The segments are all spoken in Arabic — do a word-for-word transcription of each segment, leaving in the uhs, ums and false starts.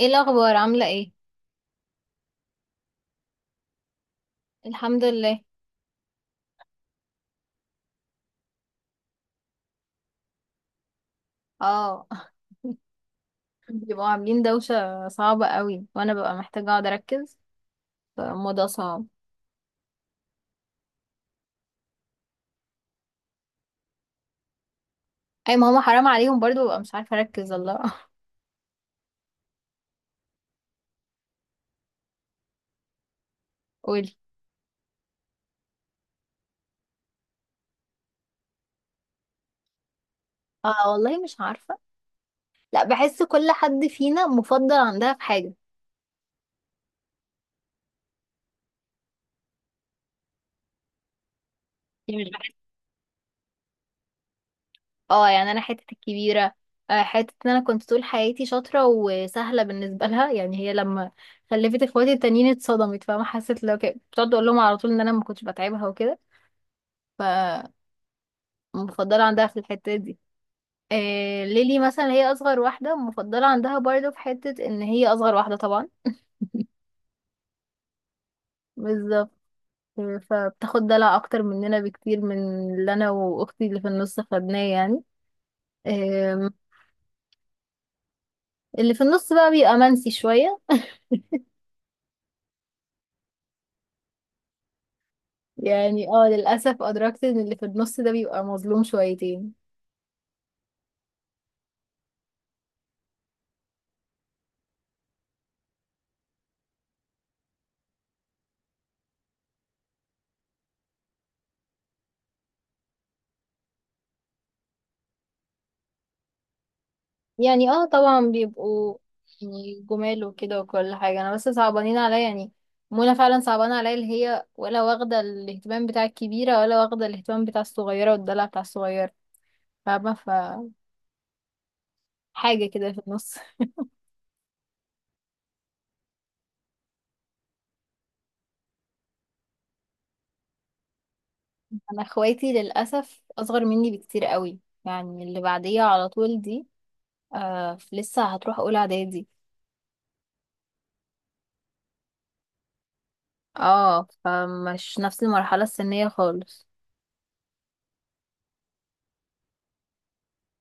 ايه الاخبار عامله ايه؟ الحمد لله. اه. بيبقوا عاملين دوشه صعبه قوي، وانا ببقى محتاجه اقعد اركز، فالموضوع صعب. اي، ما هما حرام عليهم برضو، ببقى مش عارفه اركز، الله. قولي. اه والله مش عارفه. لا، بحس كل حد فينا مفضل عندها في حاجه. يعني مش بحس. اه يعني انا حته الكبيره. آه، حته ان انا كنت طول حياتي شاطره وسهله بالنسبه لها، يعني هي لما خلفت اخواتي التانيين اتصدمت، فاهمه، حسيت لو كده بتقعد اقول لهم على طول ان انا ما كنتش بتعبها وكده. ف مفضلة عندها في الحتة دي. آه ليلي مثلا هي أصغر واحدة، مفضلة عندها برضه في حتة إن هي أصغر واحدة طبعا. بالظبط. فبتاخد دلع أكتر مننا بكتير من اللي أنا وأختي اللي في النص خدناه يعني. آم، اللي في النص بقى بيبقى منسي شوية. يعني اه للأسف أدركت إن اللي في النص ده بيبقى مظلوم شويتين. يعني اه طبعا بيبقوا، يعني جمال وكده وكل حاجة، انا بس صعبانين عليا يعني. منى فعلا صعبانة عليا، اللي هي ولا واخدة الاهتمام بتاع الكبيرة ولا واخدة الاهتمام بتاع الصغيرة والدلع بتاع الصغيرة. فاهمة. ف حاجة كده في النص. انا اخواتي للأسف اصغر مني بكتير قوي، يعني اللي بعديها على طول دي آه لسه هتروح اولى اعدادي. اه فمش نفس المرحلة السنية خالص.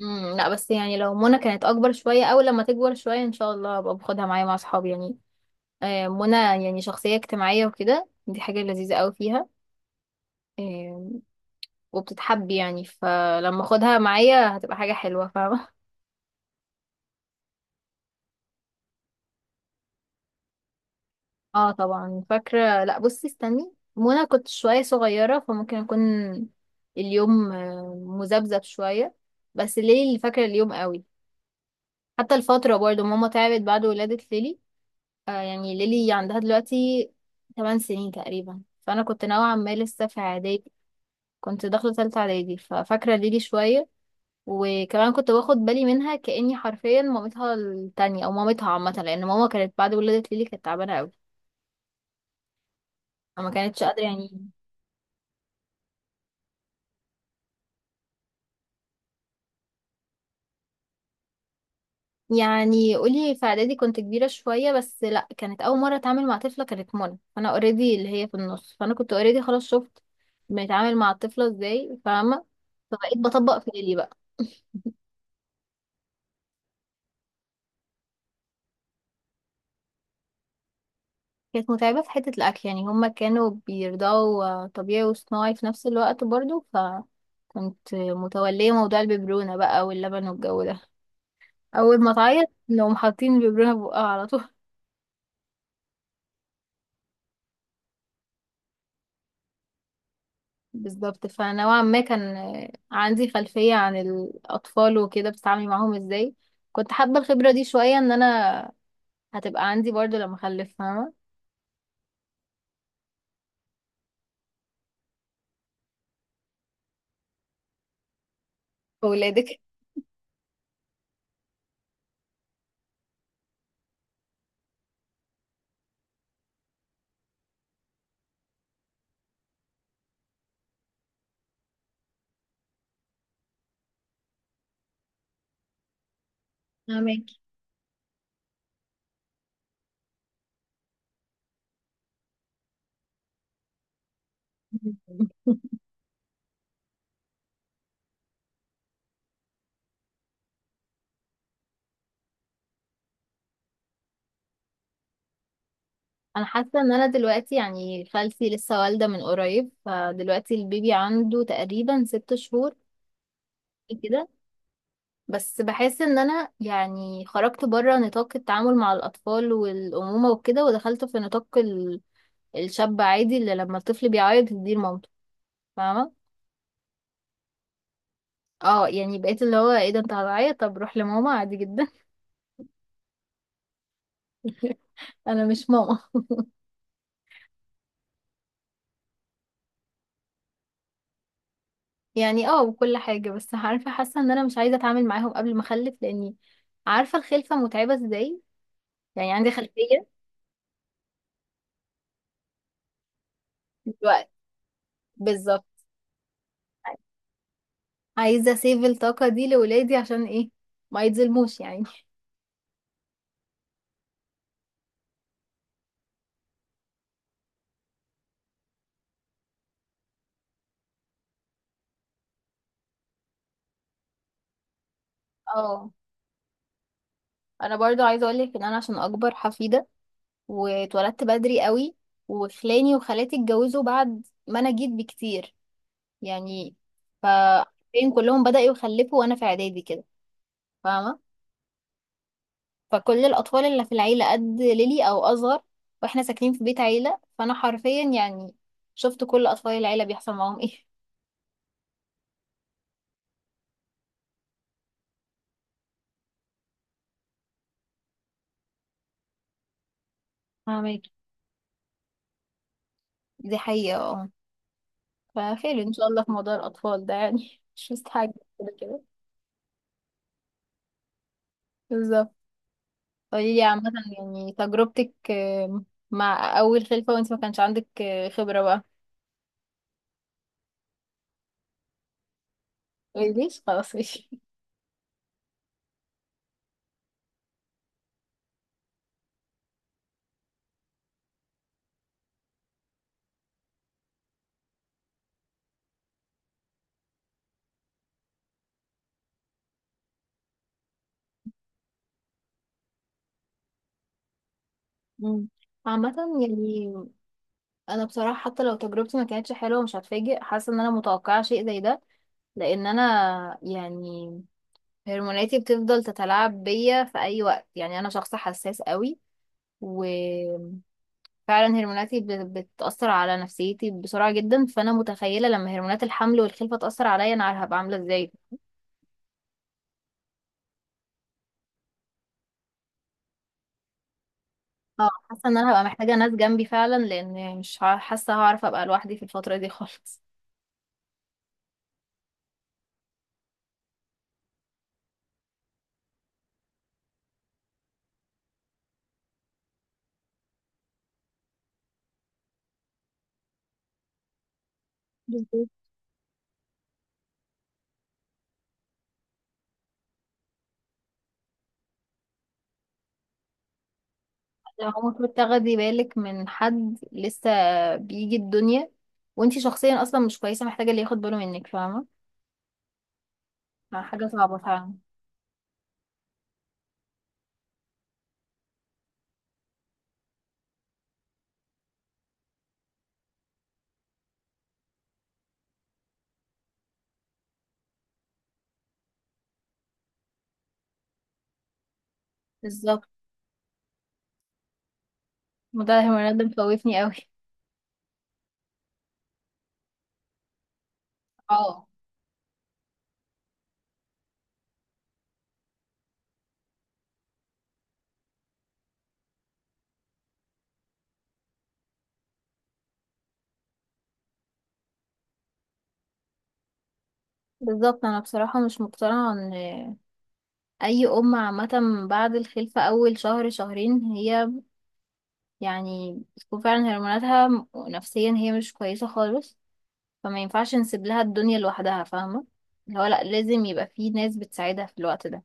امم لا، بس يعني لو منى كانت اكبر شويه او لما تكبر شويه ان شاء الله ابقى باخدها معايا مع اصحابي يعني. آه، منى يعني شخصيه اجتماعيه وكده، دي حاجه لذيذه قوي فيها. آه، وبتتحب، يعني فلما اخدها معايا هتبقى حاجه حلوه، فاهمه. اه طبعا فاكره. لا بصي، استني، منى كنت شويه صغيره فممكن اكون اليوم آه، مذبذب شويه. بس ليلي اللي فاكره اليوم قوي. حتى الفتره برضو ماما تعبت بعد ولاده ليلي. آه يعني ليلي عندها دلوقتي 8 سنين تقريبا، فانا كنت نوعا ما لسه في اعدادي. كنت داخله ثالثه اعدادي ففاكره ليلي شويه. وكمان كنت باخد بالي منها كاني حرفيا مامتها التانية او مامتها عامه، لان ماما كانت بعد ولاده ليلي كانت تعبانه قوي، فما كانتش قادره يعني. يعني قولي، في اعدادي كنت كبيره شويه، بس لا كانت اول مره اتعامل مع طفله، كانت منى، فانا اوريدي اللي هي في النص، فانا كنت اوريدي خلاص شفت بنتعامل مع الطفله ازاي، فاهمه. فبقيت بطبق في ليلي بقى. كانت متعبة في حتة الأكل، يعني هما كانوا بيرضعوا آه، طبيعي وصناعي في نفس الوقت برضو، فكنت متولية موضوع الببرونة بقى واللبن والجو ده. أول ما تعيط لو حاطين الببرونة في بقها على طول. بالظبط. فنوعا ما كان آه، عندي خلفية عن الأطفال وكده، بتتعاملي معاهم ازاي. كنت حابة الخبرة دي شوية، ان انا هتبقى عندي برضو لما اخلف، فاهمة. ولادك. فاهمك. انا حاسه ان انا دلوقتي يعني خالتي لسه والده من قريب، فدلوقتي البيبي عنده تقريبا ست شهور كده. بس بحس ان انا يعني خرجت بره نطاق التعامل مع الاطفال والامومه وكده، ودخلت في نطاق ال... الشاب عادي اللي لما الطفل بيعيط يديه لمامته، فاهمه. اه يعني بقيت اللي هو ايه ده، انت هتعيط؟ طب روح لماما عادي جدا. انا مش ماما. يعني اه وكل حاجه، بس عارفه حاسه ان انا مش عايزه اتعامل معاهم قبل ما اخلف، لاني عارفه الخلفه متعبه ازاي، يعني عندي خلفيه دلوقتي. بالظبط. عايزة اسيف الطاقة دي لولادي، عشان ايه؟ ما يتظلموش يعني. اه، انا برضو عايزة اقولك ان انا عشان اكبر حفيدة واتولدت بدري قوي، وخلاني وخالاتي اتجوزوا بعد ما انا جيت بكتير يعني، ف فين كلهم بدأوا يخلفوا وانا في اعدادي كده، فاهمة. فكل الاطفال اللي في العيلة قد ليلي او اصغر، واحنا ساكنين في بيت عيلة، فانا حرفيا يعني شفت كل اطفال العيلة بيحصل معاهم ايه. فاهمك. دي حقيقة اه. فخير ان شاء الله في موضوع الاطفال ده يعني مش مستحاجة. كده كده. بالظبط. قولي لي عامة، يعني تجربتك آم، مع اول خلفة وانت ما كانش عندك آه، خبرة بقى. ليش؟ خلاص ماشي. مم. عامة يعني انا بصراحة حتى لو تجربتي ما كانتش حلوة مش هتفاجئ، حاسة ان انا متوقعة شيء زي ده. لان انا يعني هرموناتي بتفضل تتلاعب بيا في اي وقت، يعني انا شخص حساس قوي، و فعلا هرموناتي بت- بتأثر على نفسيتي بسرعة جدا، فأنا متخيلة لما هرمونات الحمل والخلفة تأثر عليا أنا هبقى عاملة ازاي. اه حاسة إن أنا هبقى محتاجة ناس جنبي فعلا، لأن مش ه- حاسة هعرف أبقى لوحدي في الفترة دي خالص. بالظبط. لو المفروض تاخدي بالك من حد لسه بيجي الدنيا، وانتي شخصيا أصلا مش كويسة، محتاجة اللي ياخد باله منك، فاهمة. يعني حاجة صعبة فعلا. بالظبط. وده الهرمونات ده مخوفني قوي. اه. بالظبط. أنا بصراحة مش مقتنعة اي ام عامه بعد الخلفه اول شهر شهرين، هي يعني بتكون فعلا هرموناتها م- نفسيا هي مش كويسه خالص، فما ينفعش نسيب لها الدنيا لوحدها، فاهمه. اللي هو لا، لازم يبقى في ناس بتساعدها في الوقت ده.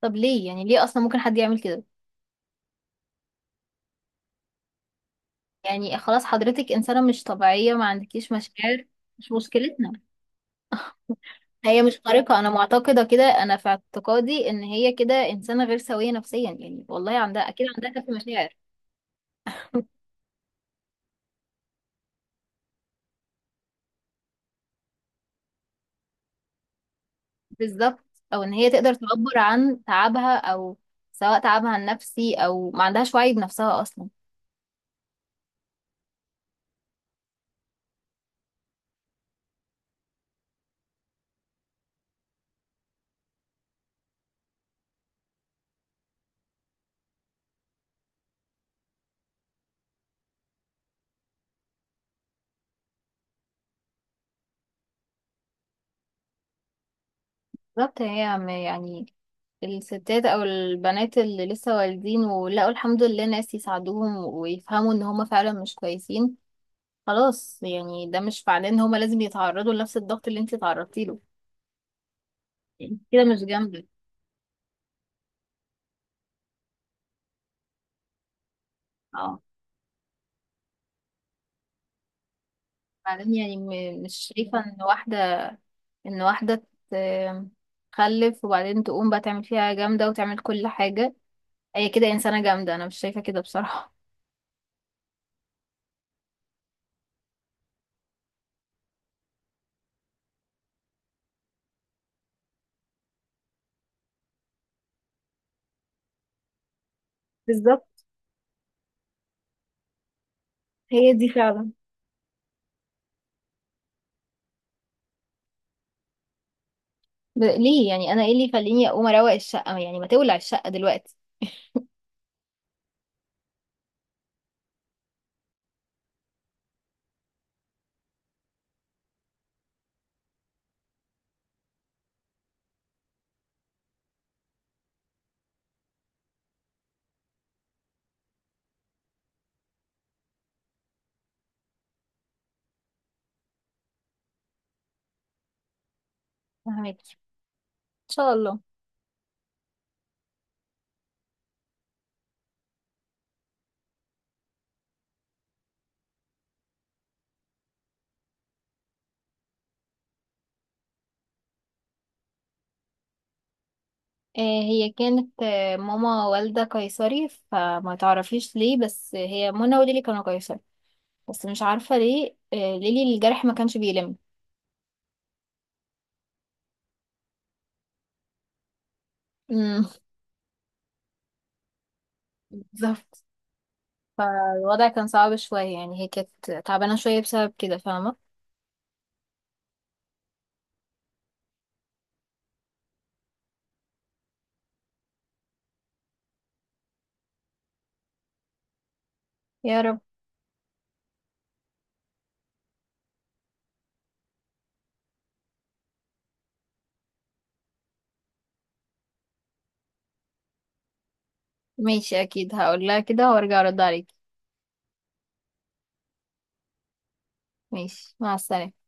طب ليه؟ يعني ليه اصلا ممكن حد يعمل كده؟ يعني خلاص حضرتك انسانه مش طبيعيه، ما عندكيش مشاعر. مش مشكلتنا. هي مش خارقه، انا معتقده كده، انا في اعتقادي ان هي كده انسانه غير سويه نفسيا، يعني والله عندها اكيد عندها كافة مشاعر. بالظبط. او ان هي تقدر تعبر عن تعبها، او سواء تعبها النفسي، او ما عندهاش وعي بنفسها اصلا. بالظبط. هي م- يعني الستات او البنات اللي لسه والدين ولقوا الحمد لله ناس يساعدوهم ويفهموا ان هما فعلا مش كويسين، خلاص، يعني ده مش معناه ان هما لازم يتعرضوا لنفس الضغط اللي انت تعرضتي له. انت كده مش جامدة. اه. بعدين يعني م- مش شايفة ان واحدة، ان واحدة ت- تخلف وبعدين تقوم بقى تعمل فيها جامدة وتعمل كل حاجة، هي كده انسانه جامده، انا مش شايفه كده بصراحه. بالظبط. هي دي فعلا. ب- ليه؟ يعني انا ايه اللي يخليني اقوم اروق الشقه؟ يعني ما تولع الشقه دلوقتي. فهمك ان شاء الله. آه، هي كانت آه، ماما والده قيصري، فما تعرفيش ليه، بس هي منى وليلي كانوا قيصري، بس مش عارفه ليه آه، ليلي الجرح ما كانش بيلم. أمم، بالظبط. فالوضع كان صعب شويه، يعني هي كانت تعبانه شويه بسبب كده، فاهمه. يا رب. ماشي اكيد هقول لها كده وارجع ارد عليك. ماشي، مع السلامه.